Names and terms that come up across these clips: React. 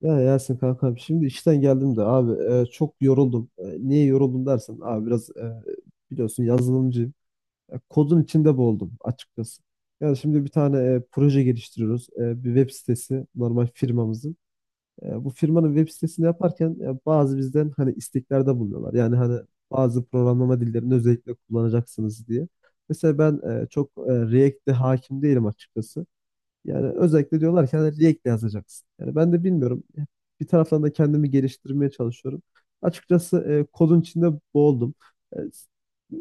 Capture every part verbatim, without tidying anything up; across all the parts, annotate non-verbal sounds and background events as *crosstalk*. Ya Yasin kankam, şimdi işten geldim de abi, e, çok yoruldum. E, niye yoruldum dersen abi biraz, e, biliyorsun yazılımcıyım. E, kodun içinde boğuldum açıkçası. Yani şimdi bir tane e, proje geliştiriyoruz. E, bir web sitesi, normal firmamızın. E, bu firmanın web sitesini yaparken e, bazı, bizden hani isteklerde bulunuyorlar. Yani hani bazı programlama dillerini özellikle kullanacaksınız diye. Mesela ben e, çok e, React'e hakim değilim açıkçası. Yani özellikle diyorlar ki hani React yazacaksın. Yani ben de bilmiyorum. Bir taraftan da kendimi geliştirmeye çalışıyorum. Açıkçası e, kodun içinde boğuldum. E,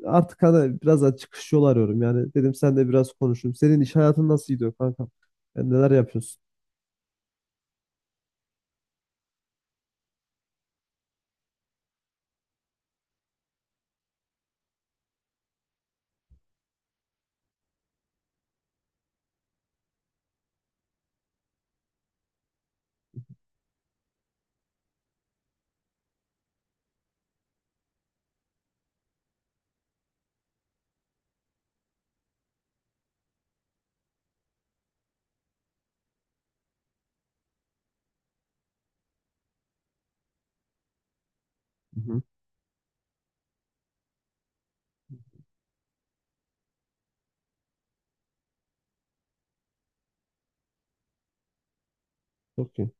artık hani biraz daha çıkış yolu arıyorum. Yani dedim sen de biraz konuşayım. Senin iş hayatın nasıl gidiyor kanka? Yani neler yapıyorsun? Hı hı. Çok iyi.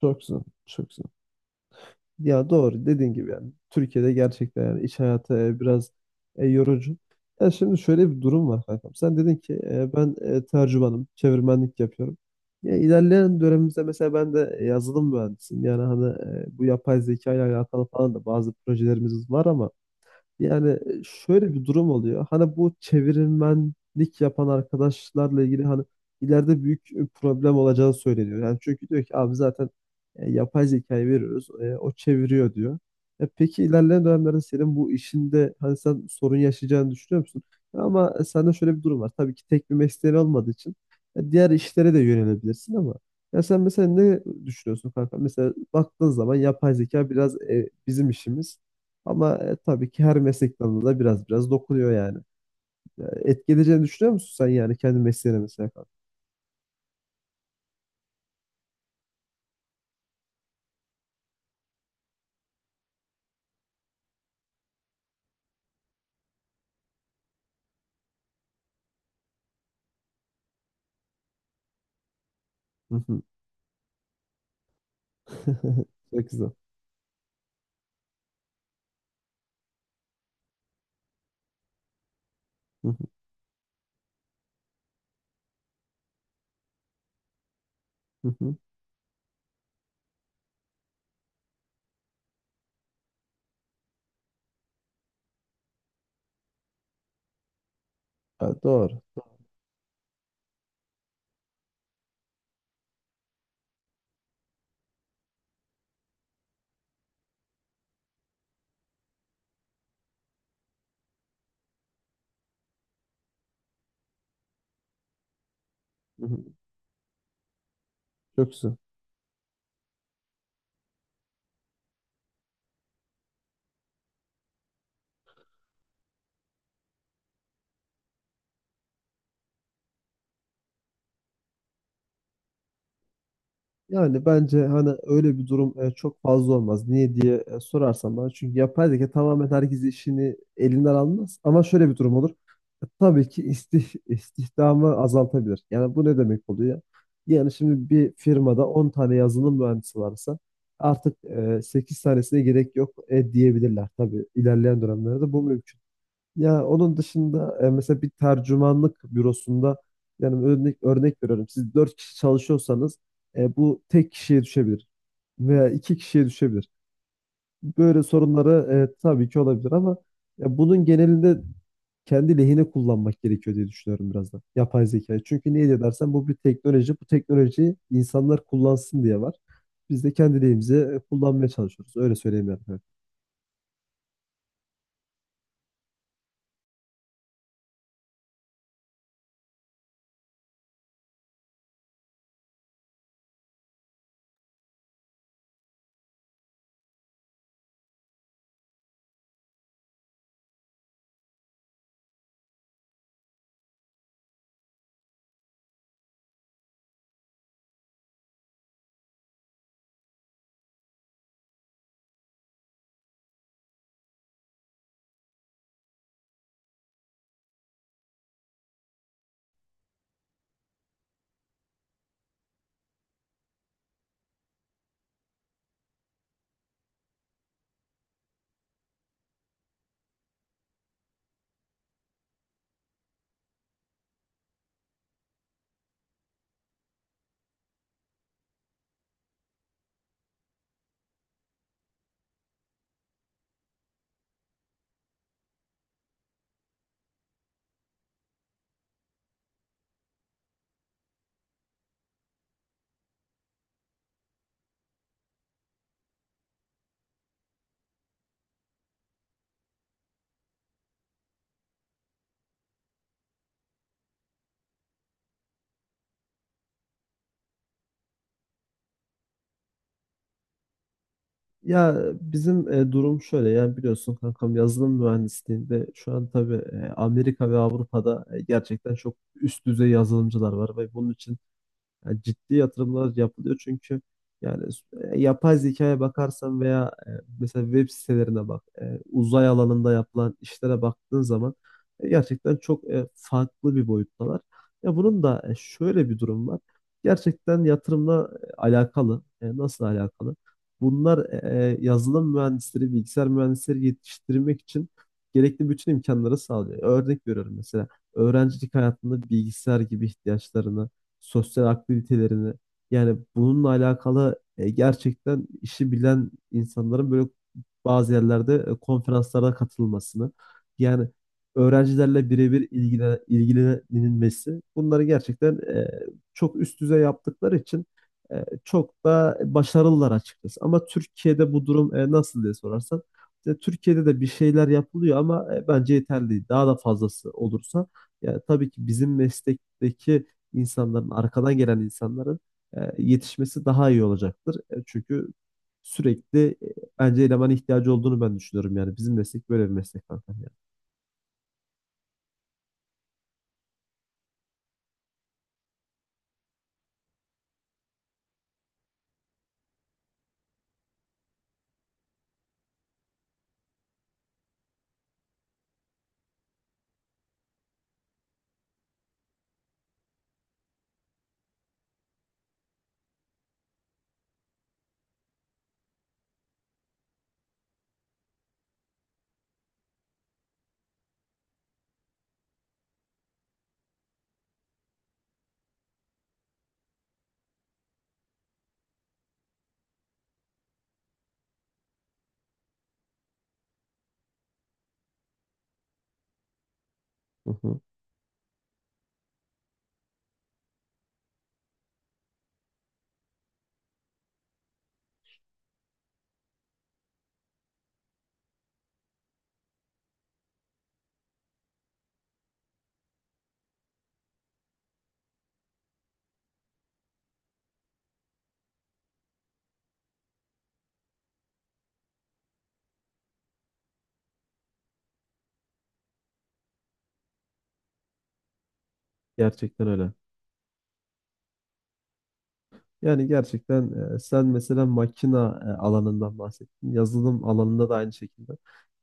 Çok güzel. Çok güzel. Ya, doğru dediğin gibi yani. Türkiye'de gerçekten yani iş hayatı e, biraz e, yorucu. Ya şimdi şöyle bir durum var kankam. Sen dedin ki e, ben e, tercümanım, çevirmenlik yapıyorum. Ya ilerleyen dönemimizde mesela ben de e, yazılım mühendisiyim. Yani hani e, bu yapay zeka ile alakalı falan da bazı projelerimiz var ama yani e, şöyle bir durum oluyor. Hani bu çevirmenlik yapan arkadaşlarla ilgili hani ileride büyük e, problem olacağı söyleniyor. Yani çünkü diyor ki abi, zaten e, yapay zekayı veriyoruz. E, o çeviriyor diyor. E, peki ilerleyen dönemlerde senin bu işinde hani sen sorun yaşayacağını düşünüyor musun? E, Ama e, sende şöyle bir durum var. Tabii ki tek bir mesleğin olmadığı için e, diğer işlere de yönelebilirsin ama ya sen mesela ne düşünüyorsun kanka? Mesela baktığın zaman yapay zeka biraz e, bizim işimiz. Ama e, tabii ki her meslek dalına da biraz biraz dokunuyor yani. Ya, etki edeceğini düşünüyor musun sen yani kendi mesleğine mesela, kanka? Hı hı. *laughs* Çok güzel. Hı hı. Hı hı. Ha, doğru. Hı hı. Çok güzel. Yani bence hani öyle bir durum e, çok fazla olmaz. Niye diye e, sorarsan bana. Çünkü yapay zeka tamamen herkes işini elinden almaz. Ama şöyle bir durum olur. E, Tabii ki istih, istihdamı azaltabilir. Yani bu ne demek oluyor? Yani şimdi bir firmada on tane yazılım mühendisi varsa artık e, sekiz tanesine gerek yok e, diyebilirler. Tabii ilerleyen dönemlerde bu mümkün. Ya onun dışında e, mesela bir tercümanlık bürosunda yani örnek örnek veriyorum. Siz dört kişi çalışıyorsanız e, bu tek kişiye düşebilir veya iki kişiye düşebilir. Böyle sorunları e, tabii ki olabilir ama ya bunun genelinde kendi lehine kullanmak gerekiyor diye düşünüyorum, biraz da yapay zekayı. Çünkü niye diye dersen, bu bir teknoloji. Bu teknolojiyi insanlar kullansın diye var. Biz de kendi lehimize e, kullanmaya çalışıyoruz. Öyle söyleyeyim yani. Ya bizim e, durum şöyle yani, biliyorsun kankam, yazılım mühendisliğinde şu an tabii e, Amerika ve Avrupa'da e, gerçekten çok üst düzey yazılımcılar var ve bunun için yani ciddi yatırımlar yapılıyor, çünkü yani e, yapay zekaya bakarsan veya e, mesela web sitelerine bak, e, uzay alanında yapılan işlere baktığın zaman e, gerçekten çok e, farklı bir boyuttalar. Ya bunun da e, şöyle bir durum var. Gerçekten yatırımla e, alakalı. E, nasıl alakalı? Bunlar e, e, yazılım mühendisleri, bilgisayar mühendisleri yetiştirmek için gerekli bütün imkanları sağlıyor. Örnek veriyorum, mesela öğrencilik hayatında bilgisayar gibi ihtiyaçlarını, sosyal aktivitelerini, yani bununla alakalı e, gerçekten işi bilen insanların böyle bazı yerlerde e, konferanslara katılmasını, yani öğrencilerle birebir ilgile, ilgilenilmesi, bunları gerçekten e, çok üst düzey yaptıkları için e, çok da başarılılar açıkçası. Ama Türkiye'de bu durum e, nasıl diye sorarsan, işte Türkiye'de de bir şeyler yapılıyor ama e, bence yeterli değil. Daha da fazlası olursa ya tabii ki bizim meslekteki insanların, arkadan gelen insanların e, yetişmesi daha iyi olacaktır. E, çünkü sürekli, e, bence elemana ihtiyacı olduğunu ben düşünüyorum yani. Bizim meslek böyle bir meslek zaten yani. Hı hı. Gerçekten öyle. Yani gerçekten e, sen mesela makina e, alanından bahsettin. Yazılım alanında da aynı şekilde.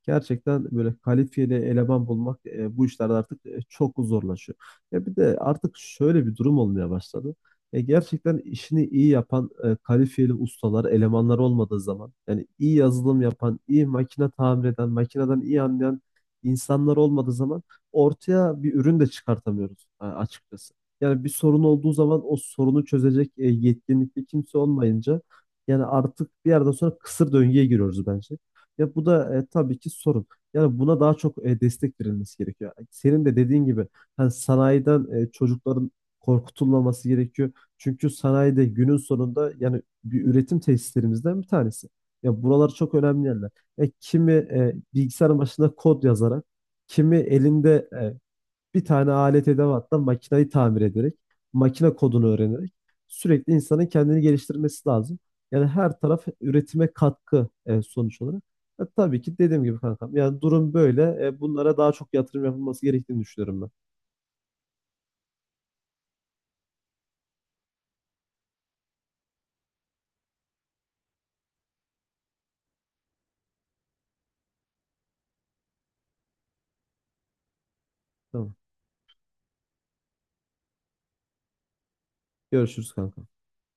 Gerçekten böyle kalifiyeli eleman bulmak e, bu işlerde artık e, çok zorlaşıyor. Ya bir de artık şöyle bir durum olmaya başladı. E, gerçekten işini iyi yapan e, kalifiyeli ustalar, elemanlar olmadığı zaman, yani iyi yazılım yapan, iyi makine tamir eden, makineden iyi anlayan insanlar olmadığı zaman ortaya bir ürün de çıkartamıyoruz e, açıkçası. Yani bir sorun olduğu zaman o sorunu çözecek e, yetkinlikte kimse olmayınca, yani artık bir yerden sonra kısır döngüye giriyoruz bence. Ya bu da e, tabii ki sorun. Yani buna daha çok e, destek verilmesi gerekiyor. Senin de dediğin gibi, hani sanayiden e, çocukların korkutulmaması gerekiyor. Çünkü sanayide günün sonunda yani bir, üretim tesislerimizden bir tanesi. Ya buralar çok önemli yerler. E, kimi e, bilgisayarın başında kod yazarak, kimi elinde e, bir tane alet edevattan makinayı tamir ederek, makine kodunu öğrenerek sürekli insanın kendini geliştirmesi lazım. Yani her taraf üretime katkı, e, sonuç olarak. E, tabii ki dediğim gibi kankam. Yani durum böyle. E, bunlara daha çok yatırım yapılması gerektiğini düşünüyorum ben. Tamam. Görüşürüz kankam.